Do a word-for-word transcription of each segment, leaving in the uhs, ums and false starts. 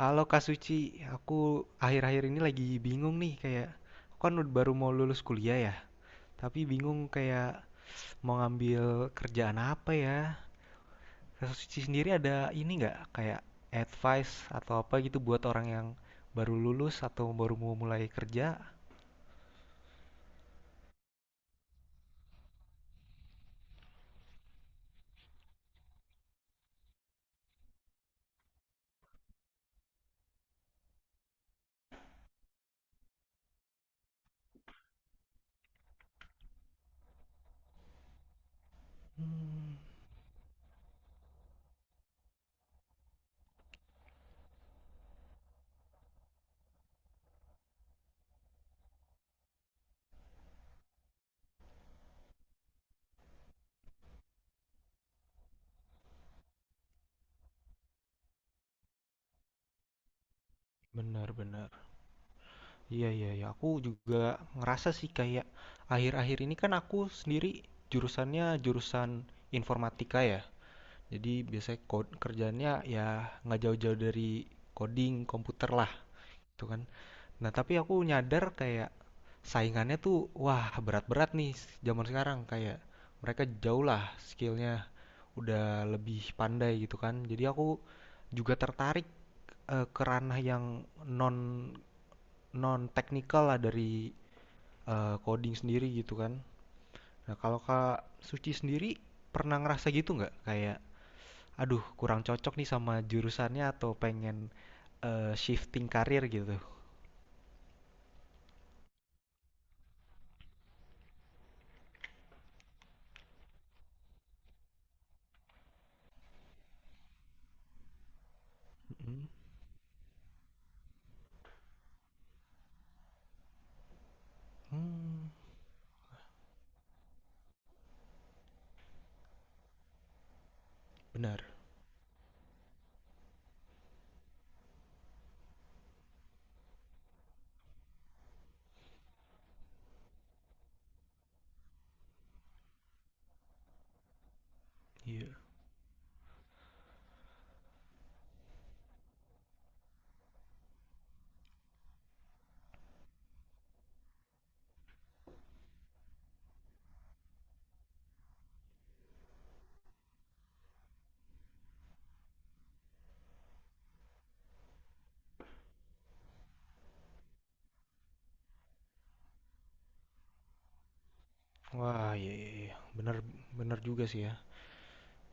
Halo Kak Suci, aku akhir-akhir ini lagi bingung nih, kayak aku kan ud- baru mau lulus kuliah ya, tapi bingung kayak mau ngambil kerjaan apa ya. Kak Suci sendiri ada ini nggak, kayak advice atau apa gitu buat orang yang baru lulus atau baru mau mulai kerja? Hmm, benar-benar. Iya, iya, iya, aku juga ngerasa sih kayak akhir-akhir ini kan aku sendiri jurusannya jurusan informatika ya. Jadi biasanya ko- kerjaannya ya nggak jauh-jauh dari coding komputer lah, gitu kan. Nah, tapi aku nyadar kayak saingannya tuh wah berat-berat nih zaman sekarang, kayak mereka jauh lah skillnya, udah lebih pandai gitu kan. Jadi aku juga tertarik eh, ke ranah yang non non teknikal lah dari eh, coding sendiri gitu kan. Nah, kalau Kak Suci sendiri pernah ngerasa gitu nggak, kayak aduh kurang cocok nih sama jurusannya atau pengen eh, shifting karir gitu. Mm. Hmm, benar. Iya. Wah, iya, iya, iya. Benar, benar juga sih ya.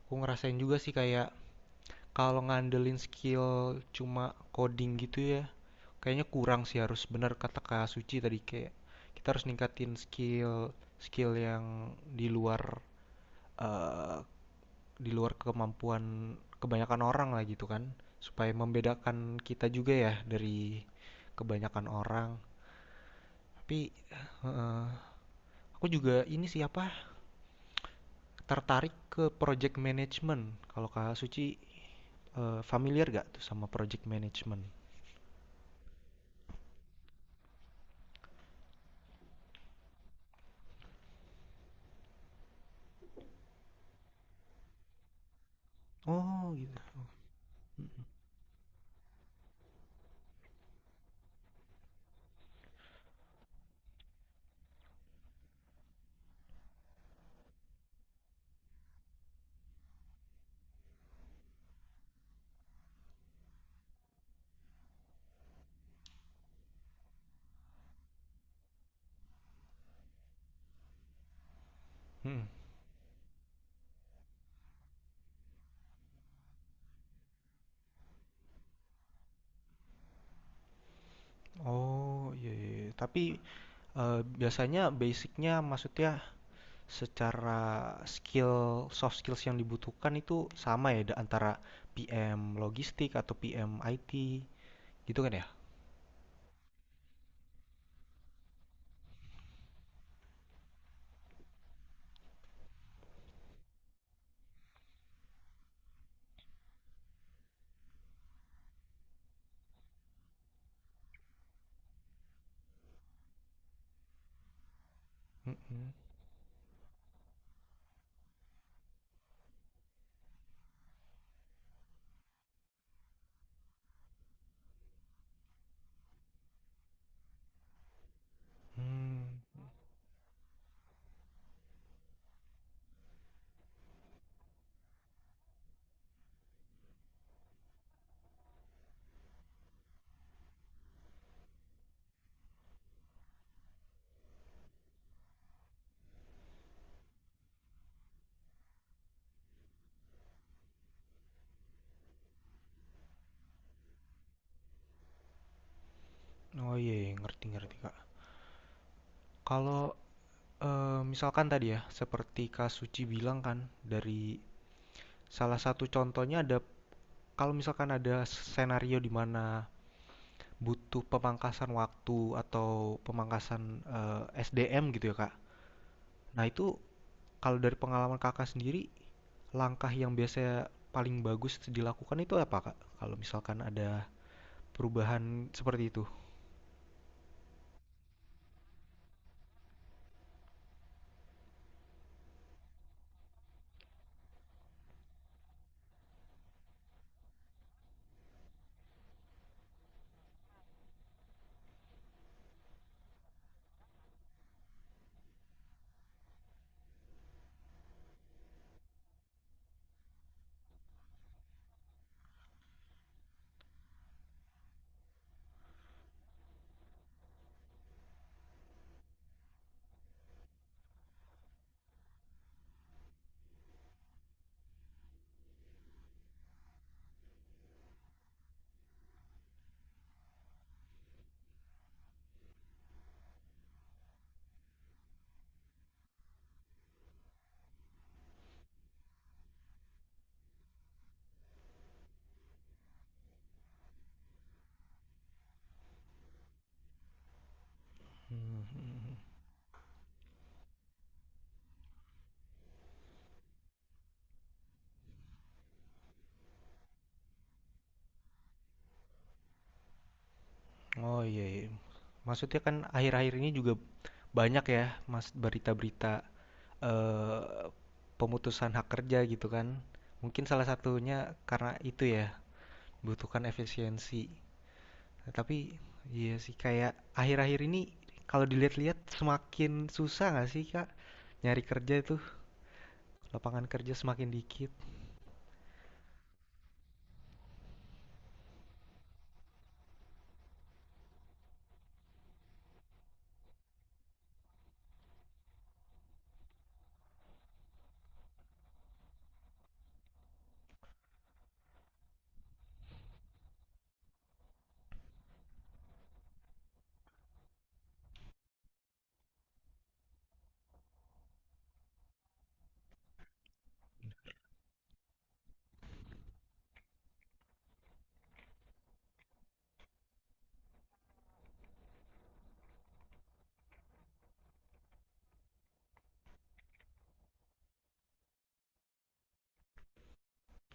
Aku ngerasain juga sih kayak kalau ngandelin skill cuma coding gitu ya, kayaknya kurang sih, harus benar kata Kak Suci tadi, kayak kita harus ningkatin skill, skill yang di luar, eh, di luar kemampuan kebanyakan orang lah gitu kan, supaya membedakan kita juga ya dari kebanyakan orang, tapi eh, aku juga ini siapa, tertarik ke project management. Kalau Kak Suci eh, familiar gak tuh sama project management? Oh gitu. Mm. Oh iya, iya. Tapi eh, biasanya basicnya, maksudnya secara skill, soft skills yang dibutuhkan itu sama ya, da- antara P M logistik atau P M I T gitu kan ya? Mm-mm. Hmm. Oh iya, iya, ngerti ngerti Kak. Kalau eh, misalkan tadi ya seperti Kak Suci bilang kan, dari salah satu contohnya ada, kalau misalkan ada skenario di mana butuh pemangkasan waktu atau pemangkasan eh, S D M gitu ya Kak. Nah, itu kalau dari pengalaman Kakak sendiri, langkah yang biasanya paling bagus dilakukan itu apa, Kak? Kalau misalkan ada perubahan seperti itu. Oh iya, iya. Maksudnya kan akhir-akhir ini juga banyak ya, Mas, berita-berita eh, pemutusan hak kerja gitu kan. Mungkin salah satunya karena itu ya, butuhkan efisiensi. Nah, tapi iya sih, kayak akhir-akhir ini kalau dilihat-lihat semakin susah nggak sih, Kak? Nyari kerja itu, lapangan kerja semakin dikit.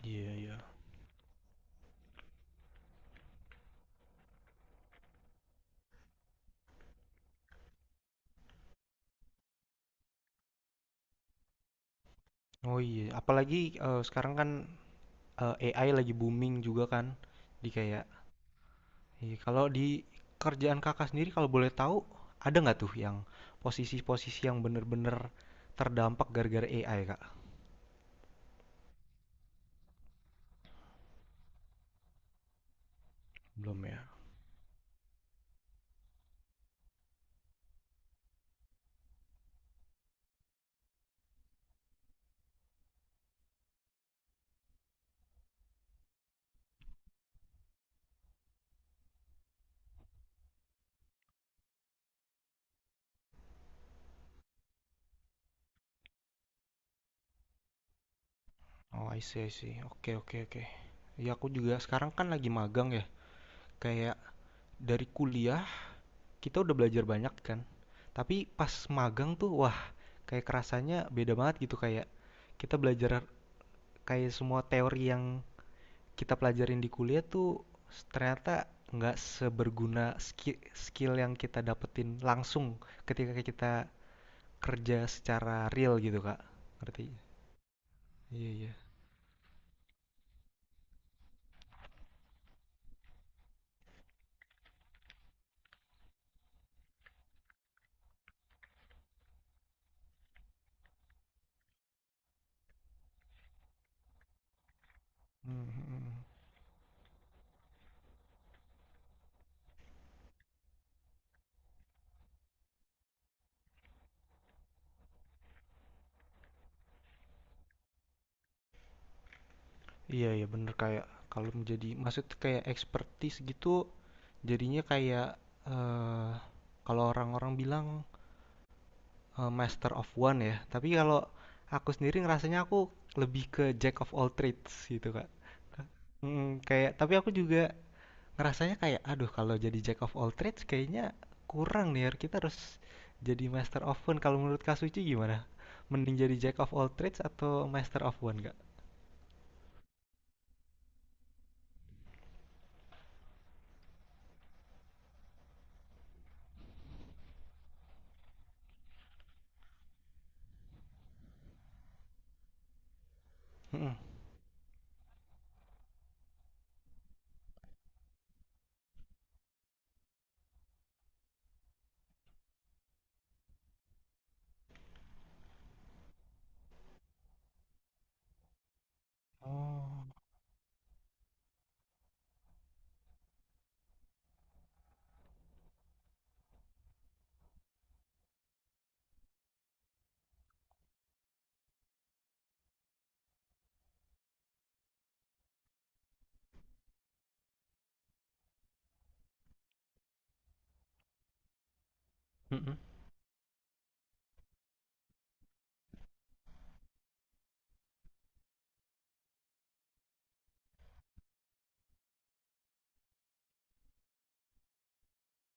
Iya, yeah, iya. Yeah. Oh iya, apalagi eh, sekarang kan eh, A I lagi booming juga kan. Di kayak, iya, kalau di kerjaan kakak sendiri kalau boleh tahu, ada nggak tuh yang posisi-posisi yang bener-bener terdampak gara-gara A I kak? Belum ya. Oh, I see, I see. Oke, oke, oke. Ya aku juga sekarang kan lagi magang ya. Kayak dari kuliah kita udah belajar banyak kan. Tapi pas magang tuh wah, kayak kerasanya beda banget gitu, kayak kita belajar kayak semua teori yang kita pelajarin di kuliah tuh ternyata nggak seberguna ski- skill yang kita dapetin langsung ketika kita kerja secara real gitu Kak. Ngerti? Iya, iya. Mhm, mhm. Iya, iya bener, kayak kalau menjadi maksud kayak expertise gitu, jadinya kayak eh kalau orang-orang bilang, eh, master of one ya, tapi kalau aku sendiri ngerasanya aku lebih ke jack of all trades gitu Kak. Ka- Mm, kayak tapi aku juga ngerasanya kayak aduh kalau jadi jack of all trades kayaknya kurang nih Yar. Kita harus jadi master of one. Kalau menurut Kak Suci gimana, mending jadi jack of all trades atau master of one gak? Mm-mm. Oh, Mm-mm.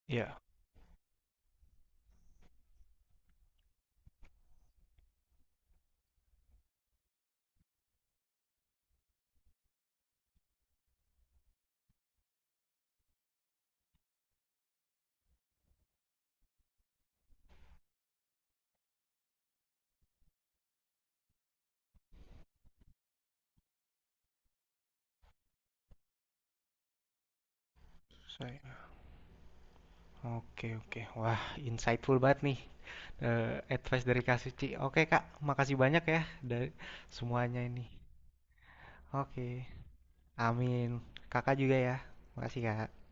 Ya. Saya. Oke, oke, wah insightful banget nih eh, advice dari Kak Suci. Oke Kak, makasih banyak ya dari semuanya ini. Oke, amin, kakak juga ya, makasih Kak.